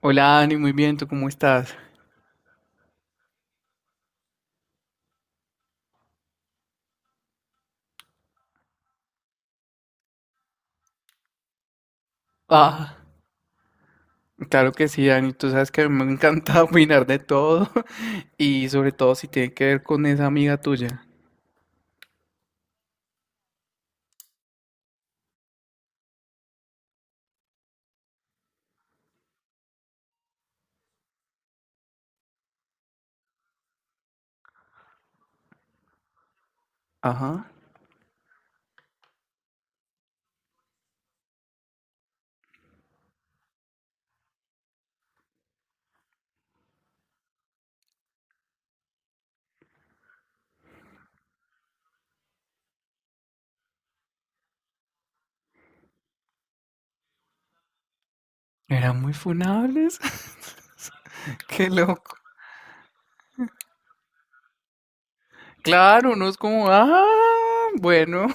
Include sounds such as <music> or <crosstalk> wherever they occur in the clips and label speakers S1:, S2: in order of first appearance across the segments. S1: Hola Dani, muy bien, ¿tú cómo estás? Ah, claro que sí, Dani, tú sabes que a mí me encanta <laughs> opinar de todo <laughs> y sobre todo si tiene que ver con esa amiga tuya. Ajá, eran muy funables. <laughs> Qué loco. Claro, no es como, ah, bueno,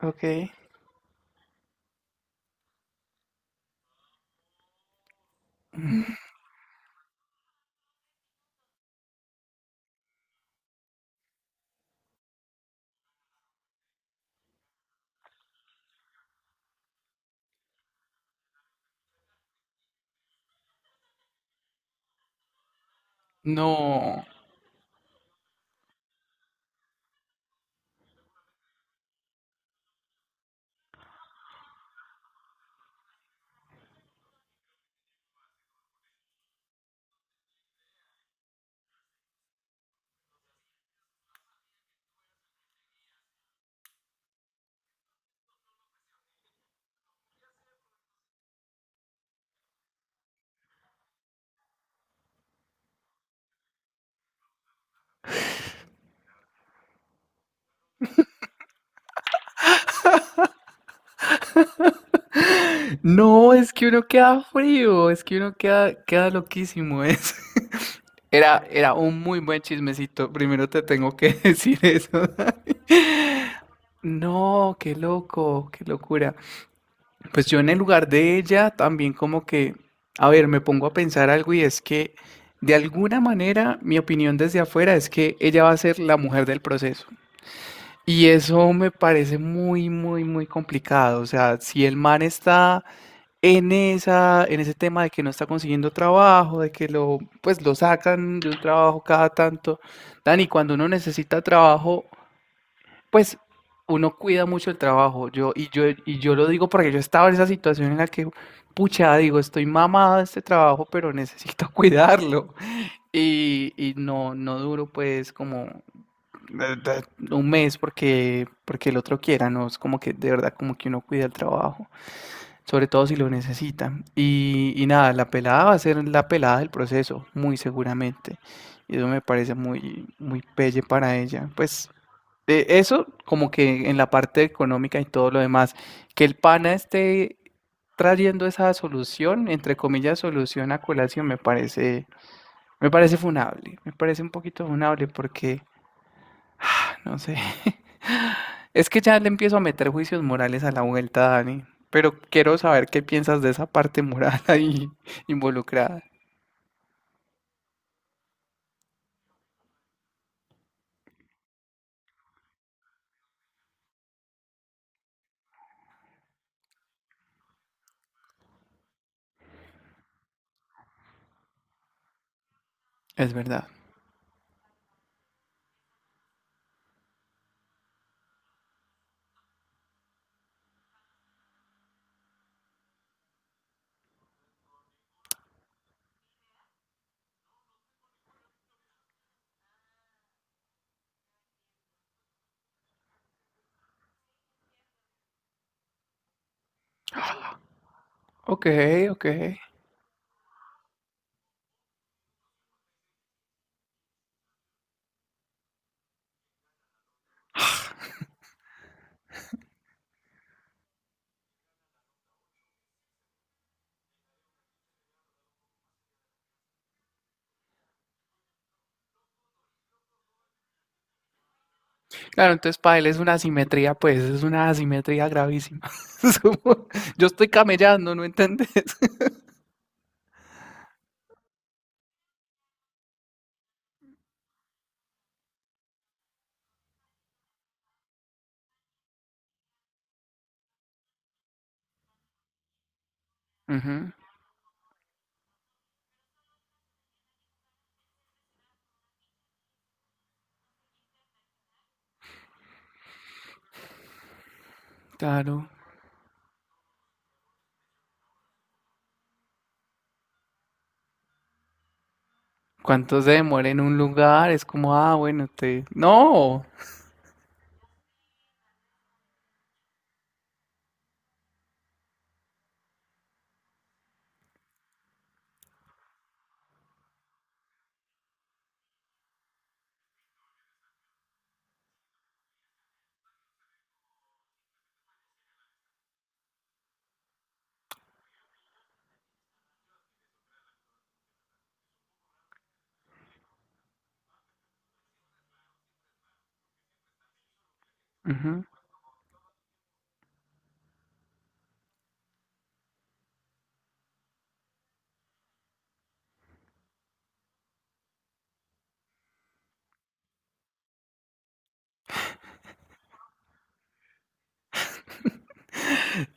S1: <laughs> ok. No, no, es que uno queda frío, es que uno queda, queda loquísimo, <laughs> es. Era un muy buen chismecito. Primero te tengo que <laughs> decir eso. <laughs> No, qué loco, qué locura. Pues yo en el lugar de ella también como que, a ver, me pongo a pensar algo y es que de alguna manera mi opinión desde afuera es que ella va a ser la mujer del proceso. Y eso me parece muy, muy, muy complicado. O sea, si el man está en esa, en ese tema de que no está consiguiendo trabajo, de que lo, pues lo sacan de un trabajo cada tanto. Dani, cuando uno necesita trabajo, pues uno cuida mucho el trabajo. Yo, y yo lo digo porque yo estaba en esa situación en la que, pucha, digo, estoy mamado de este trabajo, pero <laughs> necesito cuidarlo. Y no, no duro pues como un mes porque, porque el otro quiera, no es como que de verdad como que uno cuida el trabajo sobre todo si lo necesitan. Y nada, la pelada va a ser la pelada del proceso, muy seguramente. Y eso me parece muy, muy pelle para ella. Pues eso como que en la parte económica y todo lo demás, que el pana esté trayendo esa solución, entre comillas, solución a colación, me parece funable, me parece un poquito funable porque <sighs> no sé. <laughs> Es que ya le empiezo a meter juicios morales a la vuelta, Dani. Pero quiero saber qué piensas de esa parte moral <laughs> ahí involucrada. Es verdad. Ok, ok. Claro, entonces para él es una asimetría, pues es una asimetría gravísima. <laughs> Es como, yo estoy camellando, ¿no entendés? <laughs> Ujú, claro. ¿Cuánto se demora en un lugar? Es como, ah, bueno, te... No. Ujú.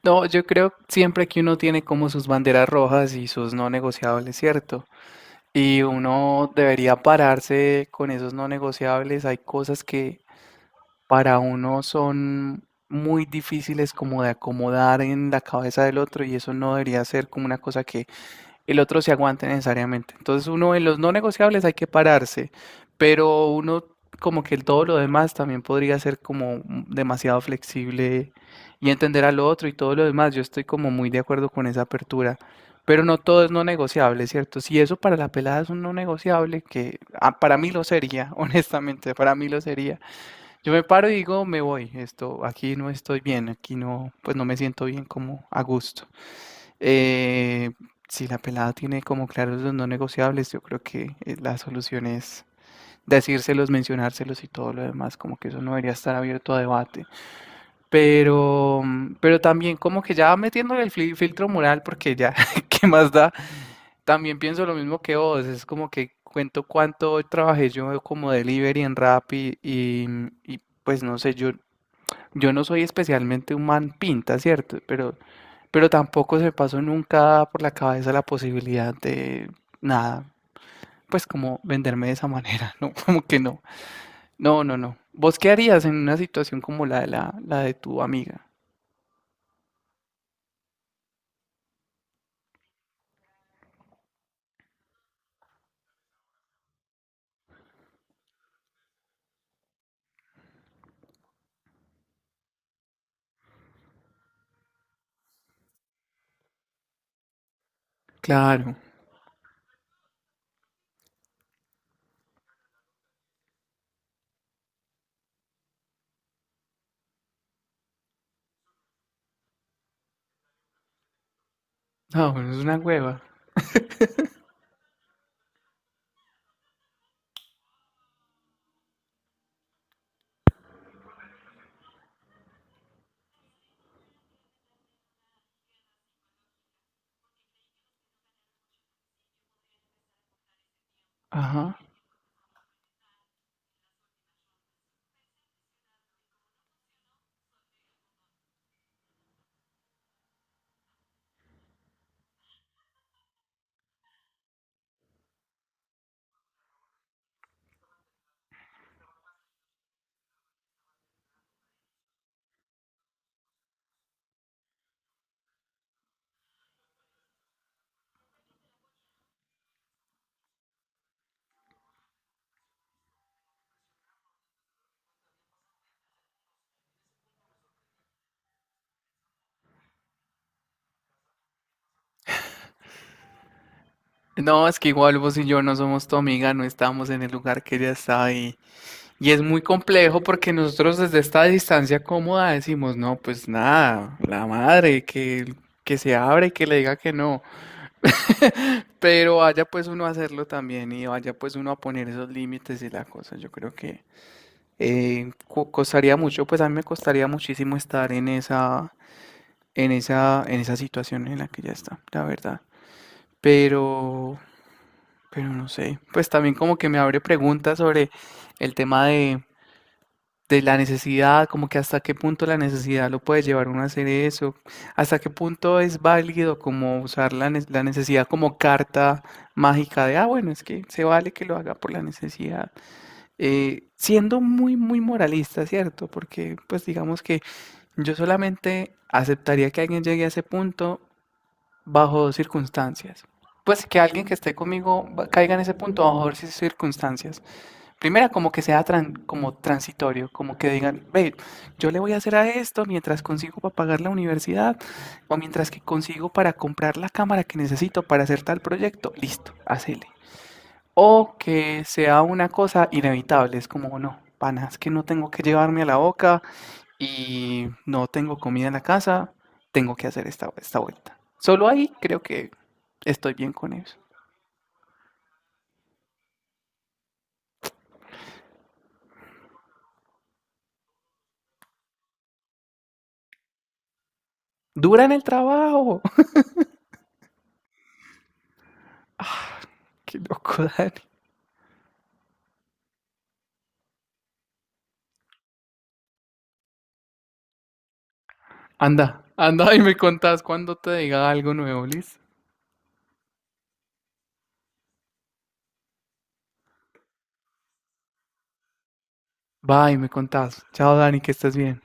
S1: No, yo creo siempre que uno tiene como sus banderas rojas y sus no negociables, ¿cierto? Y uno debería pararse con esos no negociables. Hay cosas que para uno son muy difíciles como de acomodar en la cabeza del otro y eso no debería ser como una cosa que el otro se aguante necesariamente. Entonces uno en los no negociables hay que pararse, pero uno como que el todo lo demás también podría ser como demasiado flexible y entender al otro y todo lo demás. Yo estoy como muy de acuerdo con esa apertura, pero no todo es no negociable, ¿cierto? Si eso para la pelada es un no negociable, que ah, para mí lo sería, <laughs> honestamente, para mí lo sería. Yo me paro y digo, me voy, esto, aquí no estoy bien, aquí no, pues no me siento bien como a gusto. Eh, si la pelada tiene como claros los no negociables, yo creo que la solución es decírselos, mencionárselos y todo lo demás, como que eso no debería estar abierto a debate. Pero, pero también como que ya metiéndole el filtro moral, porque ya, <laughs> ¿qué más da? También pienso lo mismo que vos, es como que cuento cuánto trabajé yo como delivery en Rappi y pues no sé, yo no soy especialmente un man pinta, ¿cierto? Pero tampoco se me pasó nunca por la cabeza la posibilidad de nada, pues como venderme de esa manera, <laughs> no, como que no. No, no, no. ¿Vos qué harías en una situación como la de la de tu amiga? Claro. No, bueno, es una hueva. Ajá. No, es que igual vos y yo no somos tu amiga, no estábamos en el lugar que ella estaba. Y es muy complejo porque nosotros desde esta distancia cómoda decimos, no, pues nada, la madre, que se abre y que le diga que no. <laughs> Pero vaya pues uno a hacerlo también y vaya pues uno a poner esos límites y la cosa. Yo creo que costaría mucho, pues a mí me costaría muchísimo estar en esa, en esa situación en la que ya está, la verdad. Pero, pero no sé, pues también como que me abre preguntas sobre el tema de la necesidad, como que hasta qué punto la necesidad lo puede llevar uno a hacer eso, hasta qué punto es válido como usar la, la necesidad como carta mágica de, ah, bueno, es que se vale que lo haga por la necesidad. Siendo muy, muy moralista, ¿cierto? Porque pues digamos que yo solamente aceptaría que alguien llegue a ese punto bajo dos circunstancias. Pues que alguien que esté conmigo caiga en ese punto bajo dos circunstancias. Primera, como que sea como transitorio, como que digan, ve, yo le voy a hacer a esto mientras consigo para pagar la universidad o mientras que consigo para comprar la cámara que necesito para hacer tal proyecto, listo, hacele. O que sea una cosa inevitable, es como, no, pana, es que no tengo que llevarme a la boca y no tengo comida en la casa, tengo que hacer esta vuelta. Solo ahí creo que estoy bien con eso. Dura en el trabajo. <laughs> Qué loco, Dani. Anda, anda y me contás cuando te diga algo nuevo, Liz. Va y me contás. Chao, Dani, que estés bien.